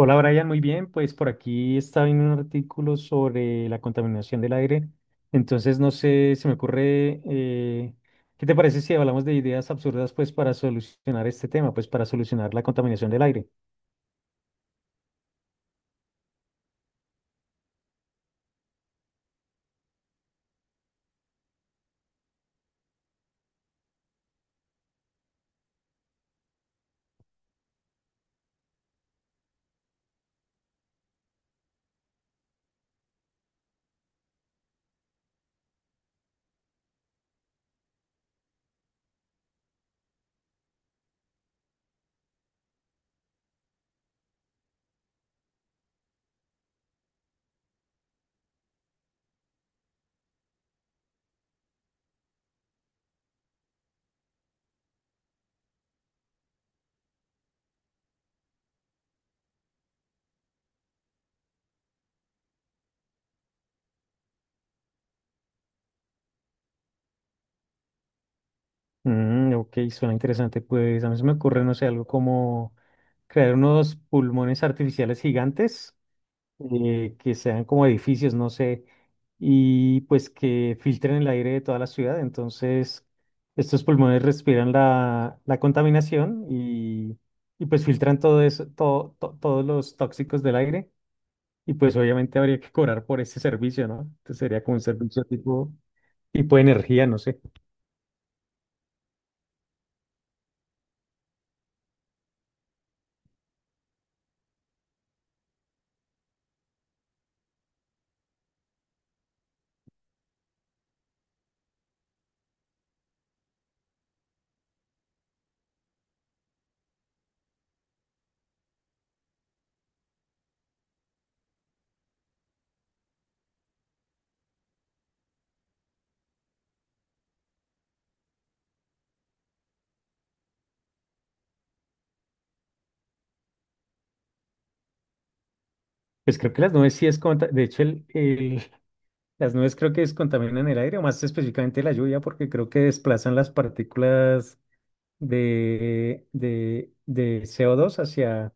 Hola Brian, muy bien. Pues por aquí estaba viendo un artículo sobre la contaminación del aire. Entonces, no sé, se me ocurre, ¿qué te parece si hablamos de ideas absurdas pues para solucionar este tema, pues para solucionar la contaminación del aire? Mm, ok, suena interesante. Pues a mí se me ocurre, no sé, algo como crear unos pulmones artificiales gigantes que sean como edificios, no sé, y pues que filtren el aire de toda la ciudad. Entonces, estos pulmones respiran la contaminación y pues filtran todo eso, todos los tóxicos del aire. Y pues obviamente habría que cobrar por ese servicio, ¿no? Entonces sería como un servicio tipo de energía, no sé. Pues creo que las nubes sí es de hecho, las nubes creo que descontaminan el aire, o más específicamente la lluvia, porque creo que desplazan las partículas de co dos hacia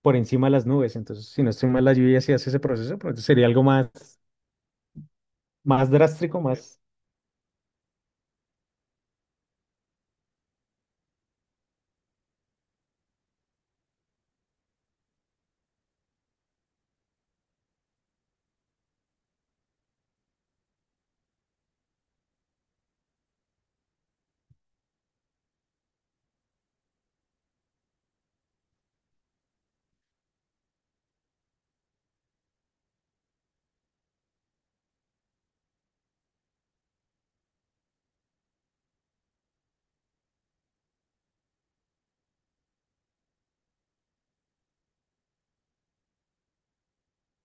por encima de las nubes. Entonces, si no estoy mal, la lluvia sí hace ese proceso, pero sería algo más, más drástico, más.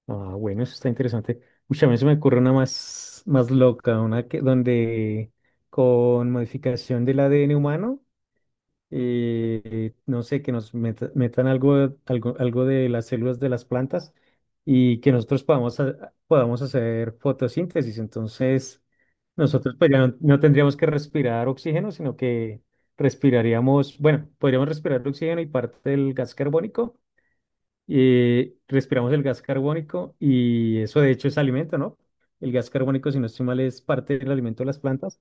Ah, bueno, eso está interesante. Uy, a mí se me ocurre una más, más loca, una que, donde con modificación del ADN humano no sé, que nos metan algo de las células de las plantas y que nosotros podamos hacer fotosíntesis. Entonces, nosotros pues ya no tendríamos que respirar oxígeno, sino que respiraríamos, bueno, podríamos respirar oxígeno y parte del gas carbónico respiramos el gas carbónico y eso de hecho es alimento, ¿no? El gas carbónico, si no estoy mal, es parte del alimento de las plantas.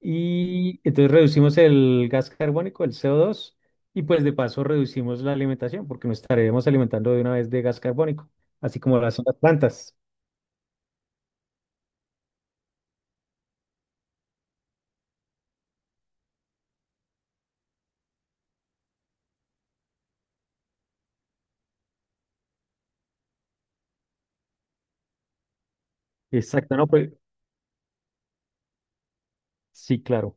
Y entonces reducimos el gas carbónico, el CO2, y pues de paso reducimos la alimentación porque nos estaremos alimentando de una vez de gas carbónico, así como lo hacen las plantas. Exacto, ¿no? Pues sí, claro.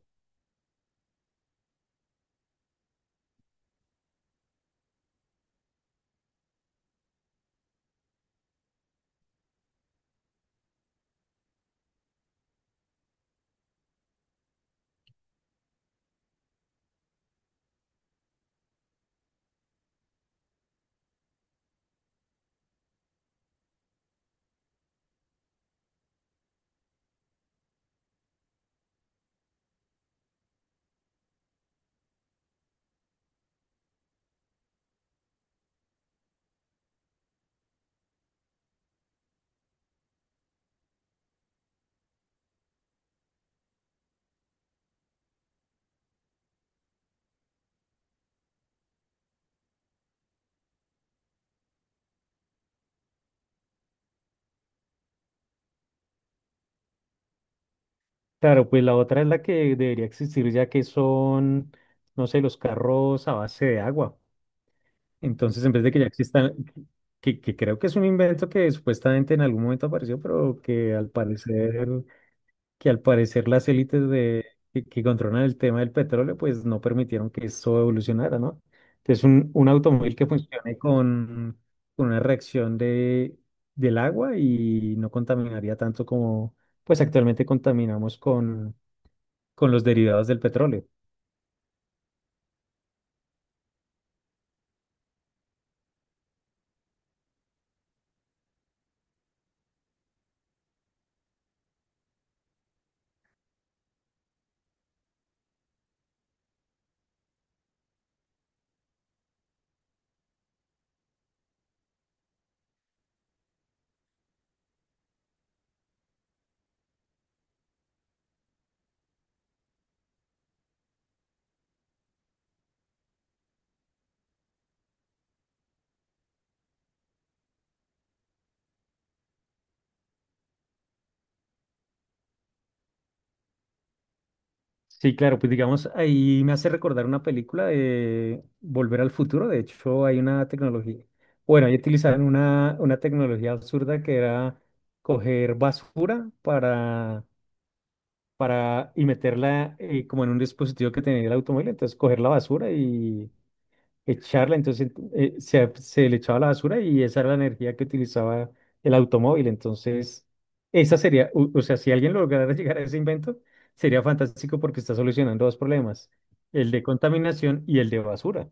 Claro, pues la otra es la que debería existir ya que son, no sé, los carros a base de agua. Entonces, en vez de que ya existan, que creo que es un invento que supuestamente en algún momento apareció, pero que al parecer las élites que controlan el tema del petróleo, pues no permitieron que eso evolucionara, ¿no? Entonces, un automóvil que funcione con una reacción del agua y no contaminaría tanto como, pues actualmente contaminamos con los derivados del petróleo. Sí, claro, pues digamos, ahí me hace recordar una película de Volver al Futuro. De hecho, hay una tecnología, bueno, ahí utilizaron una tecnología absurda que era coger basura para y meterla como en un dispositivo que tenía el automóvil. Entonces, coger la basura y, echarla, entonces se le echaba la basura y esa era la energía que utilizaba el automóvil. Entonces, esa sería, o sea, si alguien lograra llegar a ese invento, sería fantástico porque está solucionando dos problemas, el de contaminación y el de basura.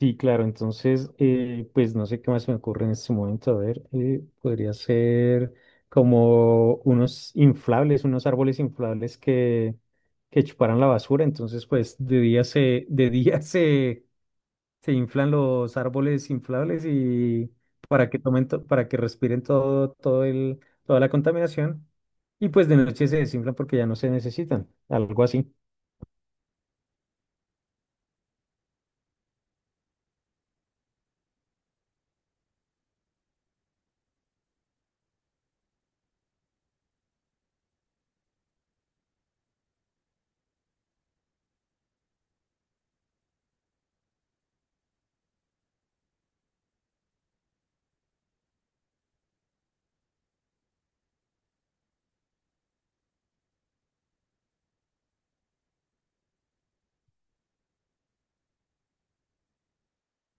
Sí, claro, entonces, pues no sé qué más se me ocurre en este momento. A ver, podría ser como unos inflables, unos árboles inflables que chuparan la basura. Entonces, pues de día se inflan los árboles inflables y para que respiren toda la contaminación. Y pues de noche se desinflan porque ya no se necesitan, algo así.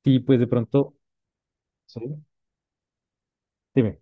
Y pues de pronto, sí, dime,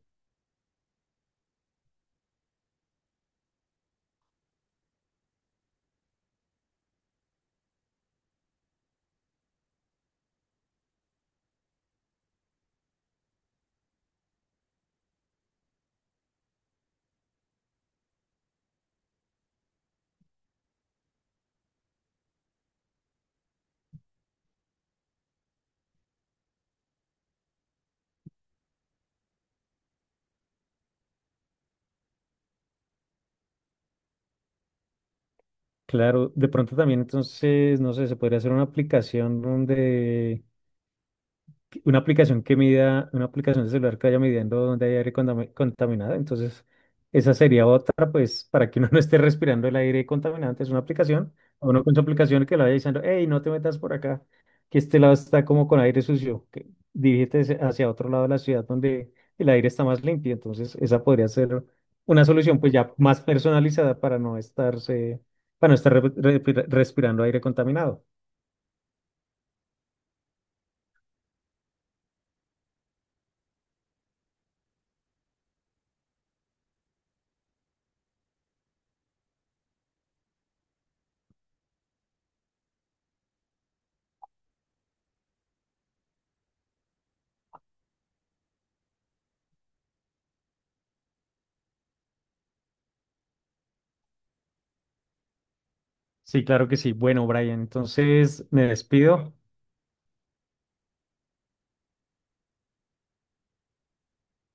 claro, de pronto también entonces, no sé, se podría hacer una aplicación una aplicación que mida, una aplicación de celular que vaya midiendo dónde hay aire contaminado. Entonces, esa sería otra, pues, para que uno no esté respirando el aire contaminante, es una aplicación, o uno con su aplicación que le vaya diciendo, hey, no te metas por acá, que este lado está como con aire sucio, que dirígete hacia otro lado de la ciudad donde el aire está más limpio. Entonces, esa podría ser una solución, pues, ya más personalizada para no estar respirando aire contaminado. Sí, claro que sí. Bueno, Brian, entonces me despido.